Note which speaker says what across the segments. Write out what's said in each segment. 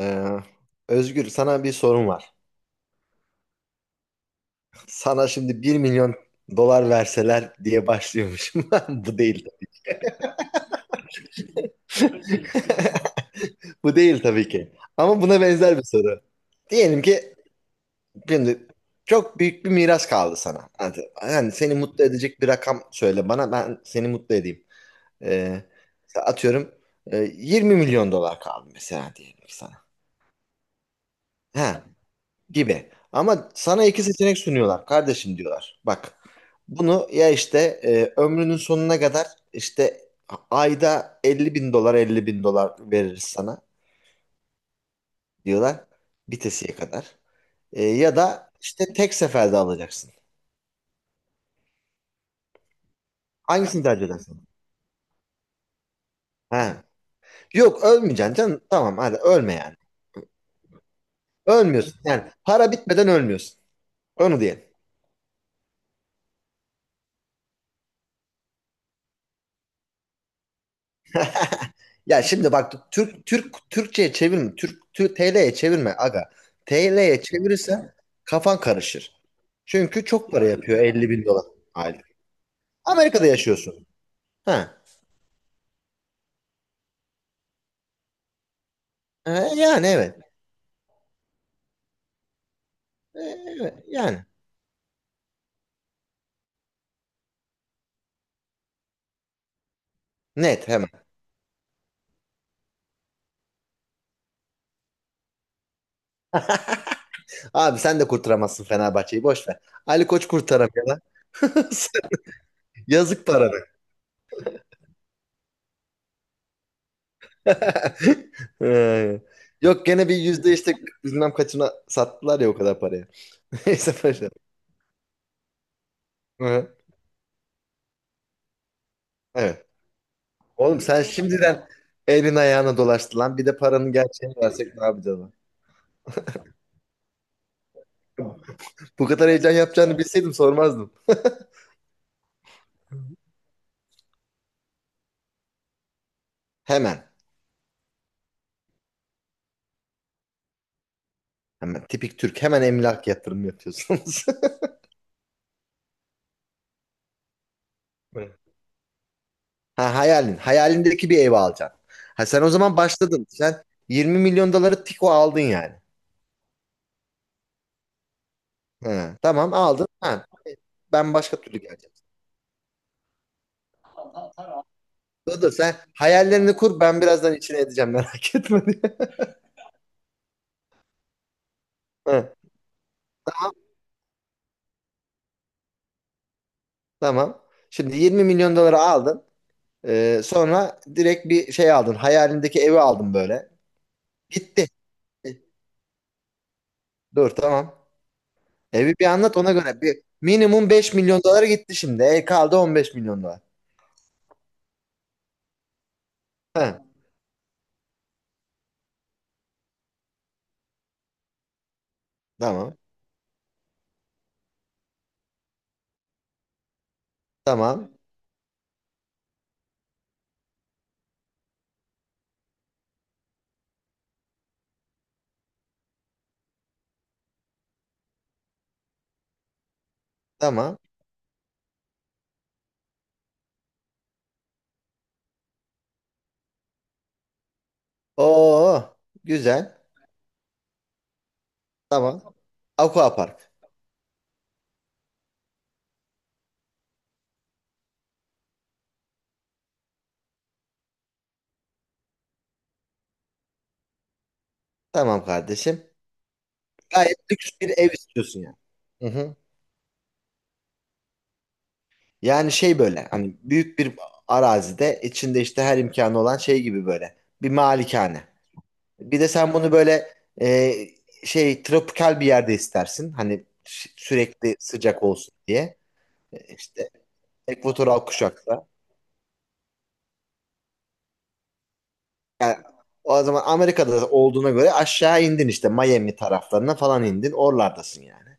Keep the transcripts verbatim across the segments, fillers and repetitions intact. Speaker 1: Ee, Özgür, sana bir sorum var. Sana şimdi bir milyon dolar verseler diye başlıyormuşum. Bu değil. Bu değil tabii ki. Ama buna benzer bir soru. Diyelim ki şimdi çok büyük bir miras kaldı sana. Yani, yani seni mutlu edecek bir rakam söyle bana, ben seni mutlu edeyim. Ee, atıyorum, e, yirmi milyon dolar kaldı mesela, diyelim ki sana. Ha, gibi. Ama sana iki seçenek sunuyorlar kardeşim, diyorlar. Bak, bunu ya işte e, ömrünün sonuna kadar işte ayda elli bin dolar elli bin dolar veririz sana diyorlar, bitesiye kadar. E, ya da işte tek seferde alacaksın. Hangisini tercih edersin? Ha. Yok, ölmeyeceksin canım. Tamam, hadi ölme yani. Ölmüyorsun, yani para bitmeden ölmüyorsun. Onu diyelim. Ya şimdi bak, Türk Türk Türkçe'ye çevirme. Türk, Türk T L'ye çevirme aga. T L'ye çevirirsen kafan karışır. Çünkü çok para yapıyor elli bin dolar aylık. Amerika'da yaşıyorsun. Ha. E, yani, evet. E, evet. Yani. Net, hemen. Abi, sen de kurtaramazsın Fenerbahçe'yi, boş ver. Ali Koç kurtaramıyor lan. Yazık paranı. E, yok, gene bir yüzde işte bilmem kaçına sattılar ya o kadar parayı. Neyse paşa. Hı, hı. Evet. Oğlum, sen şimdiden elin ayağına dolaştı lan. Bir de paranın gerçeğini versek ne yapacağız, lan? Bu kadar heyecan yapacağını bilseydim sormazdım. Hemen. Hemen. Tipik Türk. Hemen emlak yatırımı yapıyorsunuz. Ha, hayalin. Hayalindeki bir evi alacaksın. Ha, sen o zaman başladın. Sen yirmi milyon doları tiko aldın yani. Ha, tamam, aldın. Ha, ben başka türlü geleceğim. Dur, sen hayallerini kur, ben birazdan içine edeceğim merak etme diye. Ha, tamam. Şimdi yirmi milyon doları aldın. Ee, sonra direkt bir şey aldın. Hayalindeki evi aldın böyle. Gitti. Dur, tamam. Evi bir anlat ona göre. Bir, minimum beş milyon dolara gitti şimdi. E, kaldı on beş milyon dolar. Ha, tamam. Tamam. Tamam. Oo, güzel. Tamam. Aquapark. Tamam kardeşim. Gayet lüks bir ev istiyorsun yani. Hı hı. Yani şey, böyle hani büyük bir arazide içinde işte her imkanı olan şey gibi böyle. Bir malikane. Bir de sen bunu böyle e, şey, tropikal bir yerde istersin. Hani sü- sürekli sıcak olsun diye. E, İşte ekvatoral kuşakta. Yani o zaman Amerika'da olduğuna göre aşağı indin, işte Miami taraflarına falan indin. Oralardasın yani.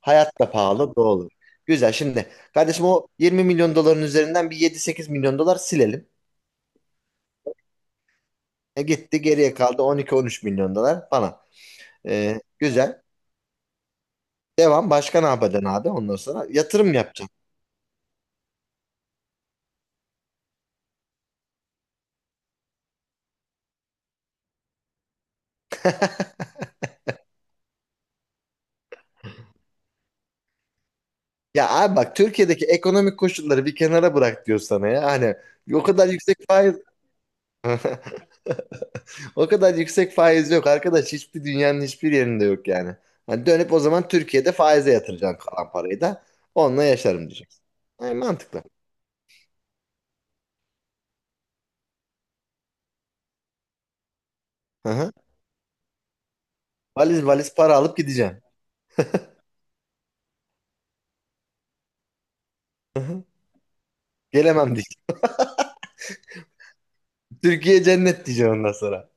Speaker 1: Hayat da pahalı, doğru. Güzel, şimdi kardeşim o yirmi milyon doların üzerinden bir yedi sekiz milyon dolar silelim. E, gitti, geriye kaldı on iki on üç milyon dolar falan. E, güzel. Devam. Başka ne yapacaksın abi ondan sonra? Yatırım yapacaksın. Ya abi bak, Türkiye'deki ekonomik koşulları bir kenara bırak diyor sana ya. Hani o kadar yüksek faiz, o kadar yüksek faiz yok arkadaş. Hiçbir, dünyanın hiçbir yerinde yok yani. Hani dönüp o zaman Türkiye'de faize yatıracaksın kalan parayı da, onunla yaşarım diyeceksin. Ay, mantıklı. Hı hı. Valiz valiz para alıp gideceksin. Hı hı. Gelemem diyeceksin. Türkiye cennet diyeceksin ondan sonra.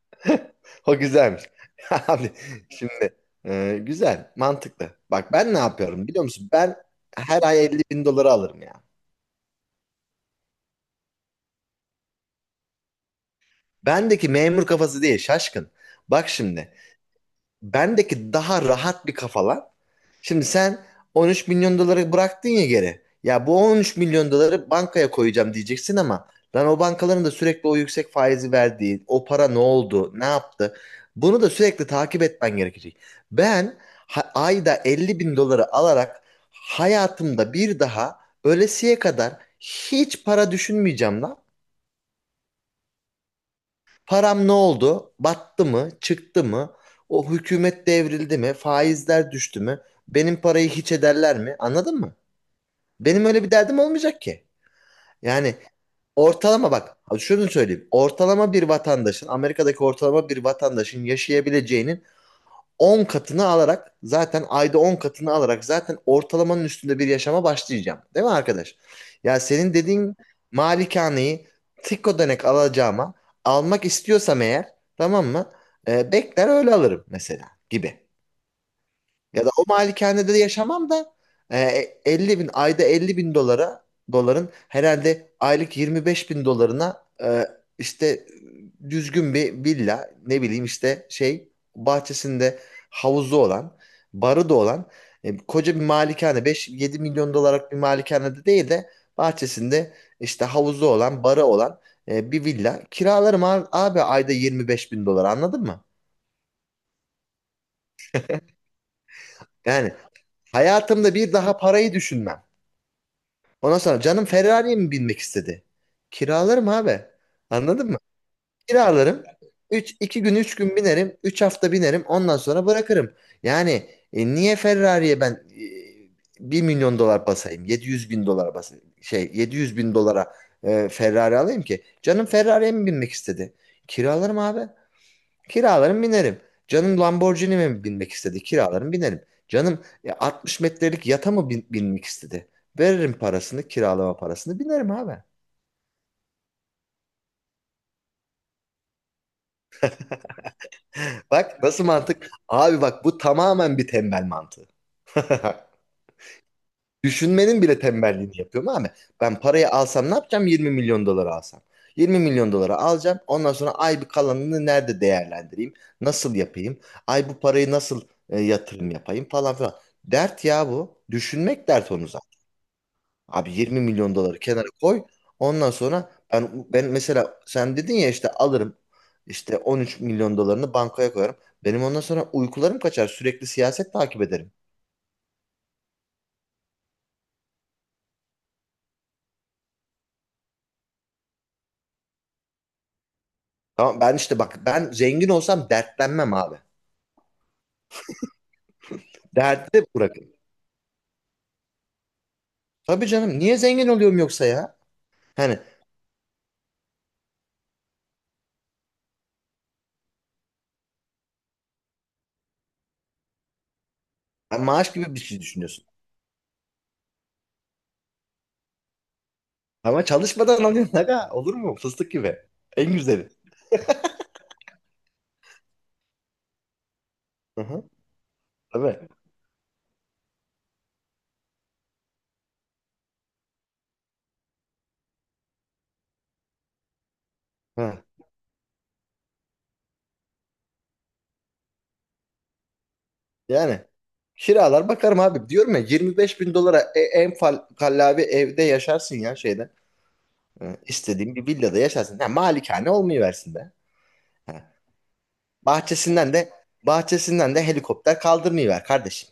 Speaker 1: O güzelmiş. Abi, şimdi e, güzel, mantıklı. Bak, ben ne yapıyorum biliyor musun? Ben her ay elli bin doları alırım ya. Bendeki memur kafası değil şaşkın. Bak şimdi. Bendeki daha rahat bir kafa lan. Şimdi sen on üç milyon doları bıraktın ya geri. Ya bu on üç milyon doları bankaya koyacağım diyeceksin ama, lan, o bankaların da sürekli o yüksek faizi verdiği, o para ne oldu, ne yaptı? Bunu da sürekli takip etmen gerekecek. Ben ha- ayda elli bin doları alarak hayatımda bir daha, ölesiye kadar, hiç para düşünmeyeceğim lan. Param ne oldu? Battı mı? Çıktı mı? O hükümet devrildi mi? Faizler düştü mü? Benim parayı hiç ederler mi? Anladın mı? Benim öyle bir derdim olmayacak ki. Yani ortalama, bak şunu söyleyeyim. Ortalama bir vatandaşın, Amerika'daki ortalama bir vatandaşın yaşayabileceğinin on katını alarak, zaten ayda on katını alarak zaten ortalamanın üstünde bir yaşama başlayacağım. Değil mi arkadaş? Ya senin dediğin malikaneyi tık ödenek alacağıma almak istiyorsam eğer, tamam mı? Ee, bekler öyle alırım mesela gibi. Ya da o malikanede de yaşamam da e, 50 bin ayda elli bin dolara, doların herhalde aylık yirmi beş bin dolarına e, işte düzgün bir villa, ne bileyim işte şey, bahçesinde havuzu olan, barı da olan e, koca bir malikane, beş yedi milyon dolarlık bir malikanede değil de bahçesinde işte havuzu olan, barı olan e, bir villa kiralarım abi, abi ayda yirmi beş bin dolar, anladın mı? Yani hayatımda bir daha parayı düşünmem. Ondan sonra, canım Ferrari'ye mi binmek istedi? Kiralarım abi. Anladın mı? Kiralarım. üç iki gün, üç gün binerim. Üç hafta binerim. Ondan sonra bırakırım. Yani e, niye Ferrari'ye ben e, bir milyon dolar basayım? Yedi yüz bin dolar basayım. Şey, yedi yüz bin dolara e, Ferrari alayım ki. Canım Ferrari'ye mi binmek istedi? Kiralarım abi. Kiralarım, binerim. Canım Lamborghini mi binmek istedi? Kiralarım, binerim. Canım e, altmış metrelik yata mı bin- binmek istedi? Veririm parasını, kiralama parasını, binerim abi. Bak, nasıl mantık? Abi bak, bu tamamen bir tembel mantığı. Düşünmenin bile tembelliğini yapıyorum abi. Ben parayı alsam ne yapacağım? yirmi milyon doları alsam. yirmi milyon doları alacağım. Ondan sonra, ay, bir kalanını nerede değerlendireyim? Nasıl yapayım? Ay, bu parayı nasıl e, yatırım yapayım, falan filan. Dert ya bu. Düşünmek dert onu. Abi, yirmi milyon doları kenara koy. Ondan sonra ben, ben mesela sen dedin ya, işte alırım işte on üç milyon dolarını bankaya koyarım. Benim ondan sonra uykularım kaçar. Sürekli siyaset takip ederim. Tamam, ben işte bak, ben zengin olsam dertlenmem abi. Derdi de bırakın. Tabii canım, niye zengin oluyorum yoksa ya? Hani ben maaş gibi bir şey düşünüyorsun. Ama çalışmadan alıyorsun aga. Olur mu? Fıstık gibi. En güzeli. Hı hı. Tabii. Hı. Yani kiralar bakarım abi. Diyorum ya, yirmi beş bin dolara e- en fal- kallavi evde yaşarsın ya, şeyde. Ee, istediğin bir villada yaşarsın. Ha, malikane olmayıversin be. Ha. Bahçesinden de bahçesinden de helikopter kaldırmayıver kardeşim.